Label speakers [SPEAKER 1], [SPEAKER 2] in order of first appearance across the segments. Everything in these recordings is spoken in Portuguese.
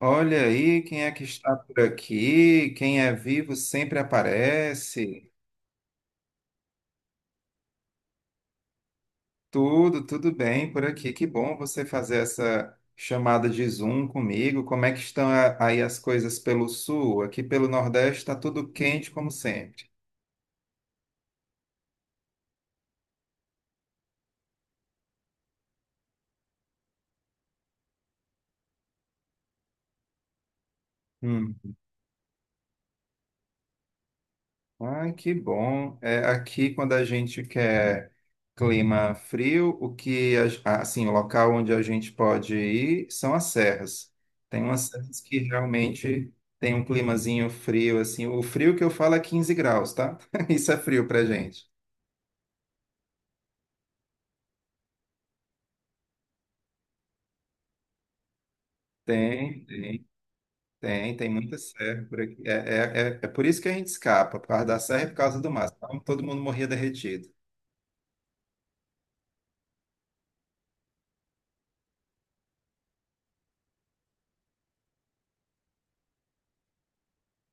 [SPEAKER 1] Olha aí quem é que está por aqui, quem é vivo sempre aparece. Tudo, tudo bem por aqui. Que bom você fazer essa chamada de Zoom comigo. Como é que estão aí as coisas pelo sul? Aqui pelo Nordeste está tudo quente como sempre. Hum. Ai, que bom. É, aqui, quando a gente quer clima frio, o que, assim, o local onde a gente pode ir são as serras. Tem umas serras que realmente tem um climazinho frio, assim. O frio que eu falo é 15 graus, tá? Isso é frio pra gente. Tem, tem, tem muita serra por aqui. É por isso que a gente escapa, por causa da serra e por causa do mar. Senão todo mundo morria derretido.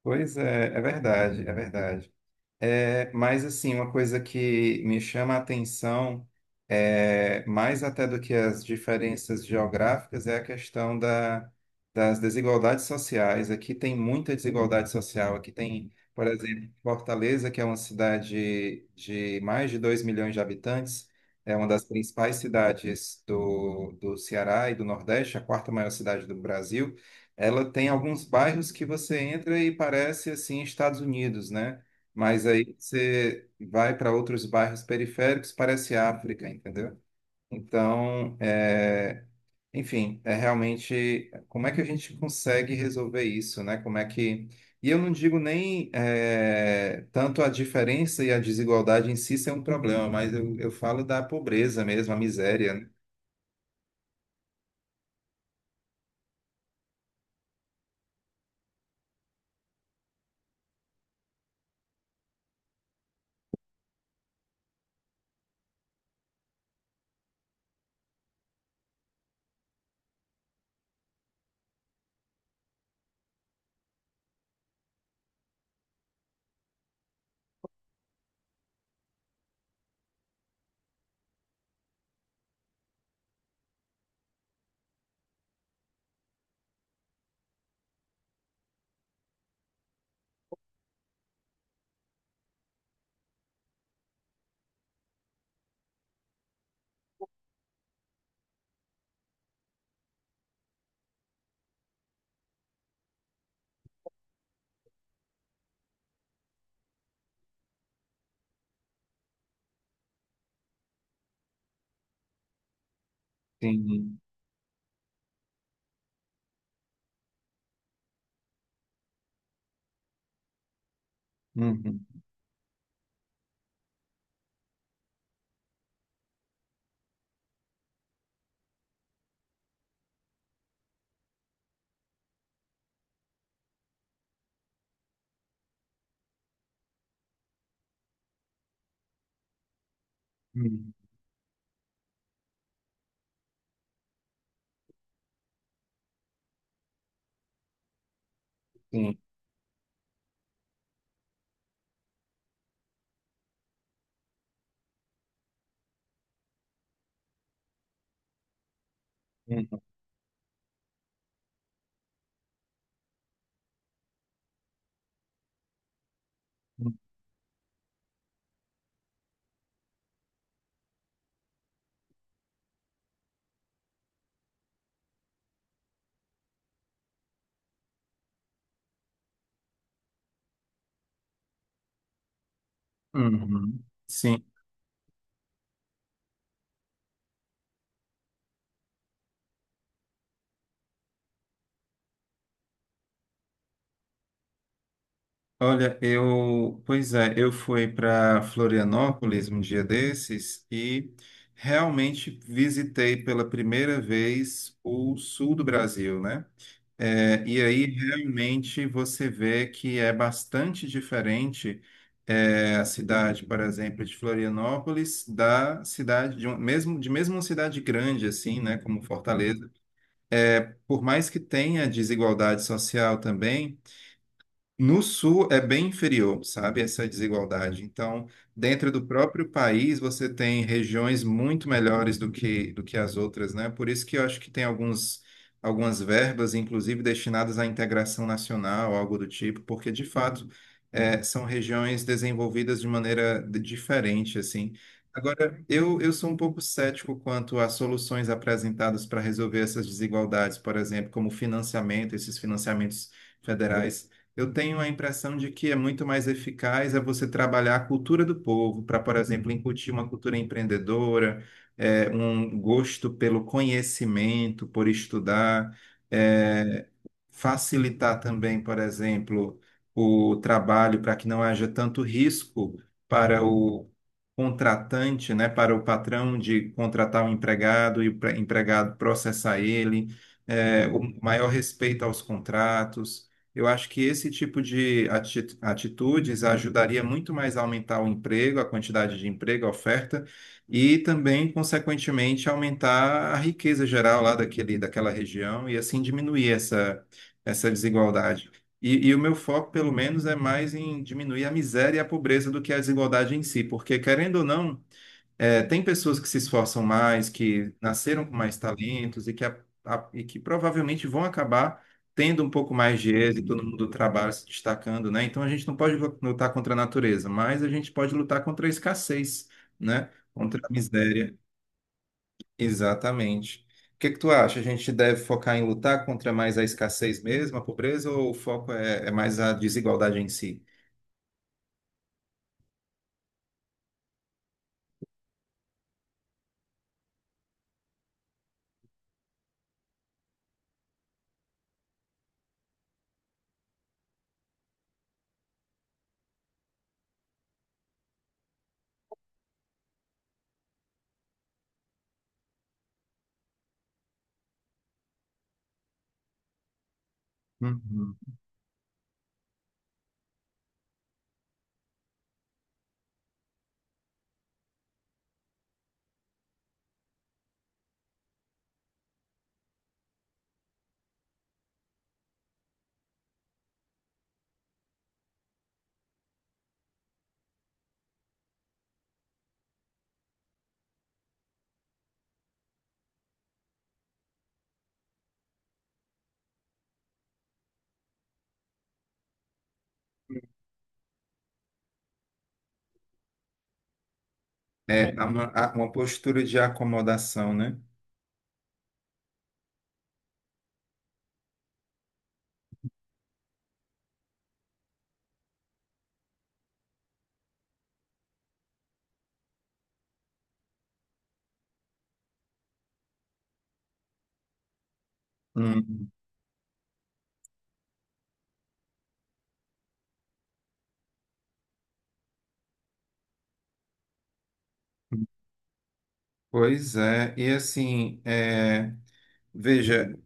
[SPEAKER 1] Pois é, é verdade, é verdade. É, mas assim, uma coisa que me chama a atenção, mais até do que as diferenças geográficas, é a questão das desigualdades sociais. Aqui tem muita desigualdade social. Aqui tem, por exemplo, Fortaleza, que é uma cidade de mais de 2 milhões de habitantes, é uma das principais cidades do Ceará e do Nordeste, a quarta maior cidade do Brasil. Ela tem alguns bairros que você entra e parece assim Estados Unidos, né? Mas aí você vai para outros bairros periféricos, parece África, entendeu? Então, enfim, é realmente como é que a gente consegue resolver isso, né? Como é que. E eu não digo nem tanto a diferença e a desigualdade em si ser um problema, mas eu falo da pobreza mesmo, a miséria, né? Sim. Uhum. Uhum. Sim. Uhum. Uhum. Sim. Olha, pois é, eu fui para Florianópolis um dia desses e realmente visitei pela primeira vez o sul do Brasil, né? É, e aí realmente você vê que é bastante diferente a cidade, por exemplo, de Florianópolis da cidade mesmo de mesmo uma cidade grande assim, né, como Fortaleza. Por mais que tenha desigualdade social também no sul é bem inferior, sabe, essa desigualdade. Então, dentro do próprio país, você tem regiões muito melhores do que as outras, né? Por isso que eu acho que tem algumas verbas, inclusive, destinadas à integração nacional, algo do tipo, porque, de fato, são regiões desenvolvidas de maneira diferente, assim. Agora, eu sou um pouco cético quanto às soluções apresentadas para resolver essas desigualdades, por exemplo, como financiamento, esses financiamentos federais. Eu tenho a impressão de que é muito mais eficaz é você trabalhar a cultura do povo, para, por exemplo, incutir uma cultura empreendedora, um gosto pelo conhecimento, por estudar, eh, facilitar também, por exemplo, o trabalho para que não haja tanto risco para o contratante, né, para o patrão de contratar um empregado e o empregado processar ele, o maior respeito aos contratos. Eu acho que esse tipo de atitudes ajudaria muito mais a aumentar o emprego, a quantidade de emprego, a oferta, e também, consequentemente, aumentar a riqueza geral lá daquela região e assim diminuir essa desigualdade. E o meu foco, pelo menos, é mais em diminuir a miséria e a pobreza do que a desigualdade em si, porque, querendo ou não, tem pessoas que se esforçam mais, que nasceram com mais talentos e que provavelmente vão acabar tendo um pouco mais de êxito no mundo do trabalho, se destacando, né? Então a gente não pode lutar contra a natureza, mas a gente pode lutar contra a escassez, né? Contra a miséria. Exatamente. O que que tu acha? A gente deve focar em lutar contra mais a escassez mesmo, a pobreza, ou o foco é mais a desigualdade em si? Uhum. É, uma postura de acomodação, né? Hum. Pois é, e assim, veja,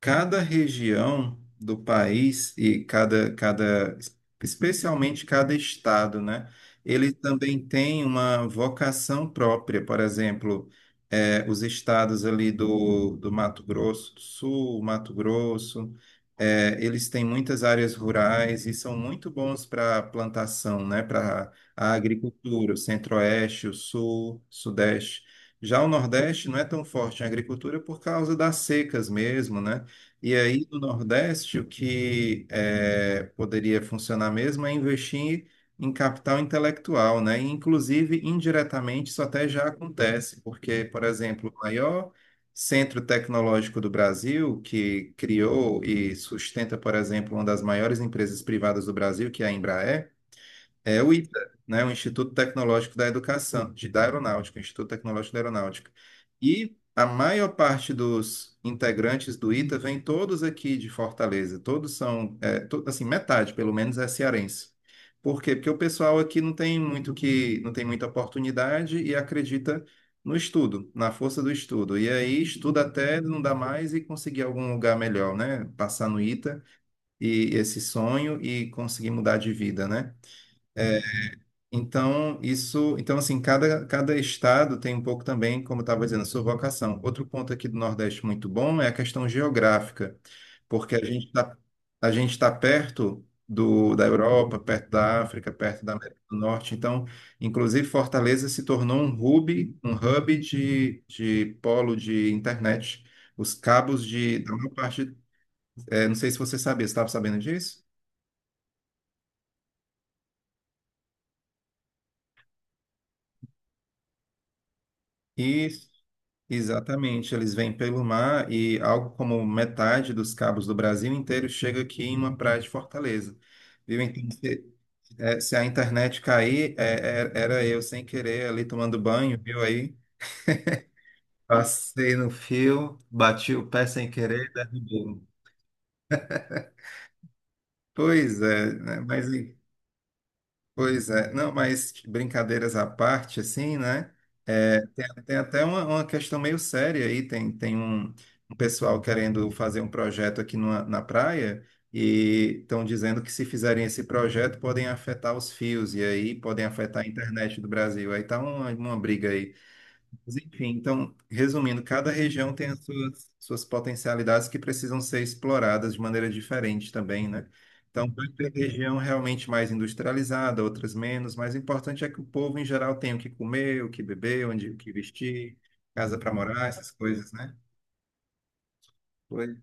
[SPEAKER 1] cada região do país e cada, especialmente cada estado, né? Ele também tem uma vocação própria. Por exemplo, os estados ali do Mato Grosso do Sul, Mato Grosso, eles têm muitas áreas rurais e são muito bons para plantação, né? Para a agricultura, o Centro-Oeste, o Sul, Sudeste. Já o Nordeste não é tão forte em agricultura por causa das secas mesmo, né? E aí, no Nordeste, o que poderia funcionar mesmo é investir em capital intelectual, né? E, inclusive, indiretamente, isso até já acontece, porque, por exemplo, o maior centro tecnológico do Brasil, que criou e sustenta, por exemplo, uma das maiores empresas privadas do Brasil, que é a Embraer, é o ITA, né? O Instituto Tecnológico da Educação, de, da Aeronáutica, o Instituto Tecnológico da Aeronáutica. E a maior parte dos integrantes do ITA vem todos aqui de Fortaleza, todos são, assim, metade pelo menos é cearense. Por quê? Porque o pessoal aqui não tem muita oportunidade e acredita no estudo, na força do estudo. E aí estuda até não dá mais e conseguir algum lugar melhor, né? Passar no ITA e esse sonho e conseguir mudar de vida, né? Então, então assim, cada estado tem um pouco também, como eu estava dizendo, a sua vocação. Outro ponto aqui do Nordeste muito bom é a questão geográfica, porque a gente está perto da Europa, perto da África, perto da América do Norte. Então, inclusive, Fortaleza se tornou um hub de polo de internet. Os cabos da maior parte, não sei se você sabia, você estava sabendo disso? Isso, exatamente. Eles vêm pelo mar e algo como metade dos cabos do Brasil inteiro chega aqui em uma praia de Fortaleza. Viu? Então, se a internet cair, era eu sem querer ali tomando banho, viu aí? Passei no fio, bati o pé sem querer, derrubei. Pois é, né? Pois é, não, mas brincadeiras à parte, assim, né? É, tem até uma questão meio séria aí. Tem um pessoal querendo fazer um projeto aqui na praia e estão dizendo que se fizerem esse projeto podem afetar os fios e aí podem afetar a internet do Brasil. Aí tá uma briga aí. Mas, enfim, então, resumindo, cada região tem as suas potencialidades que precisam ser exploradas de maneira diferente também, né? Então, vai ter região realmente mais industrializada, outras menos, mas o importante é que o povo, em geral, tenha o que comer, o que beber, onde, o que vestir, casa para morar, essas coisas, né? Pois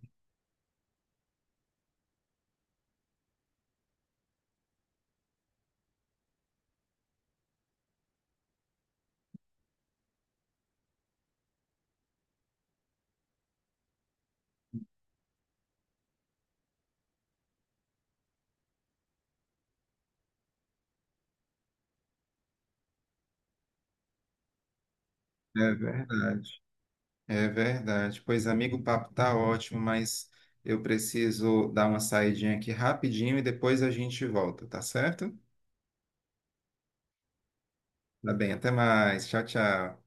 [SPEAKER 1] é verdade. É verdade. Pois, amigo, o papo tá ótimo, mas eu preciso dar uma saidinha aqui rapidinho e depois a gente volta, tá certo? Tá bem, até mais. Tchau, tchau.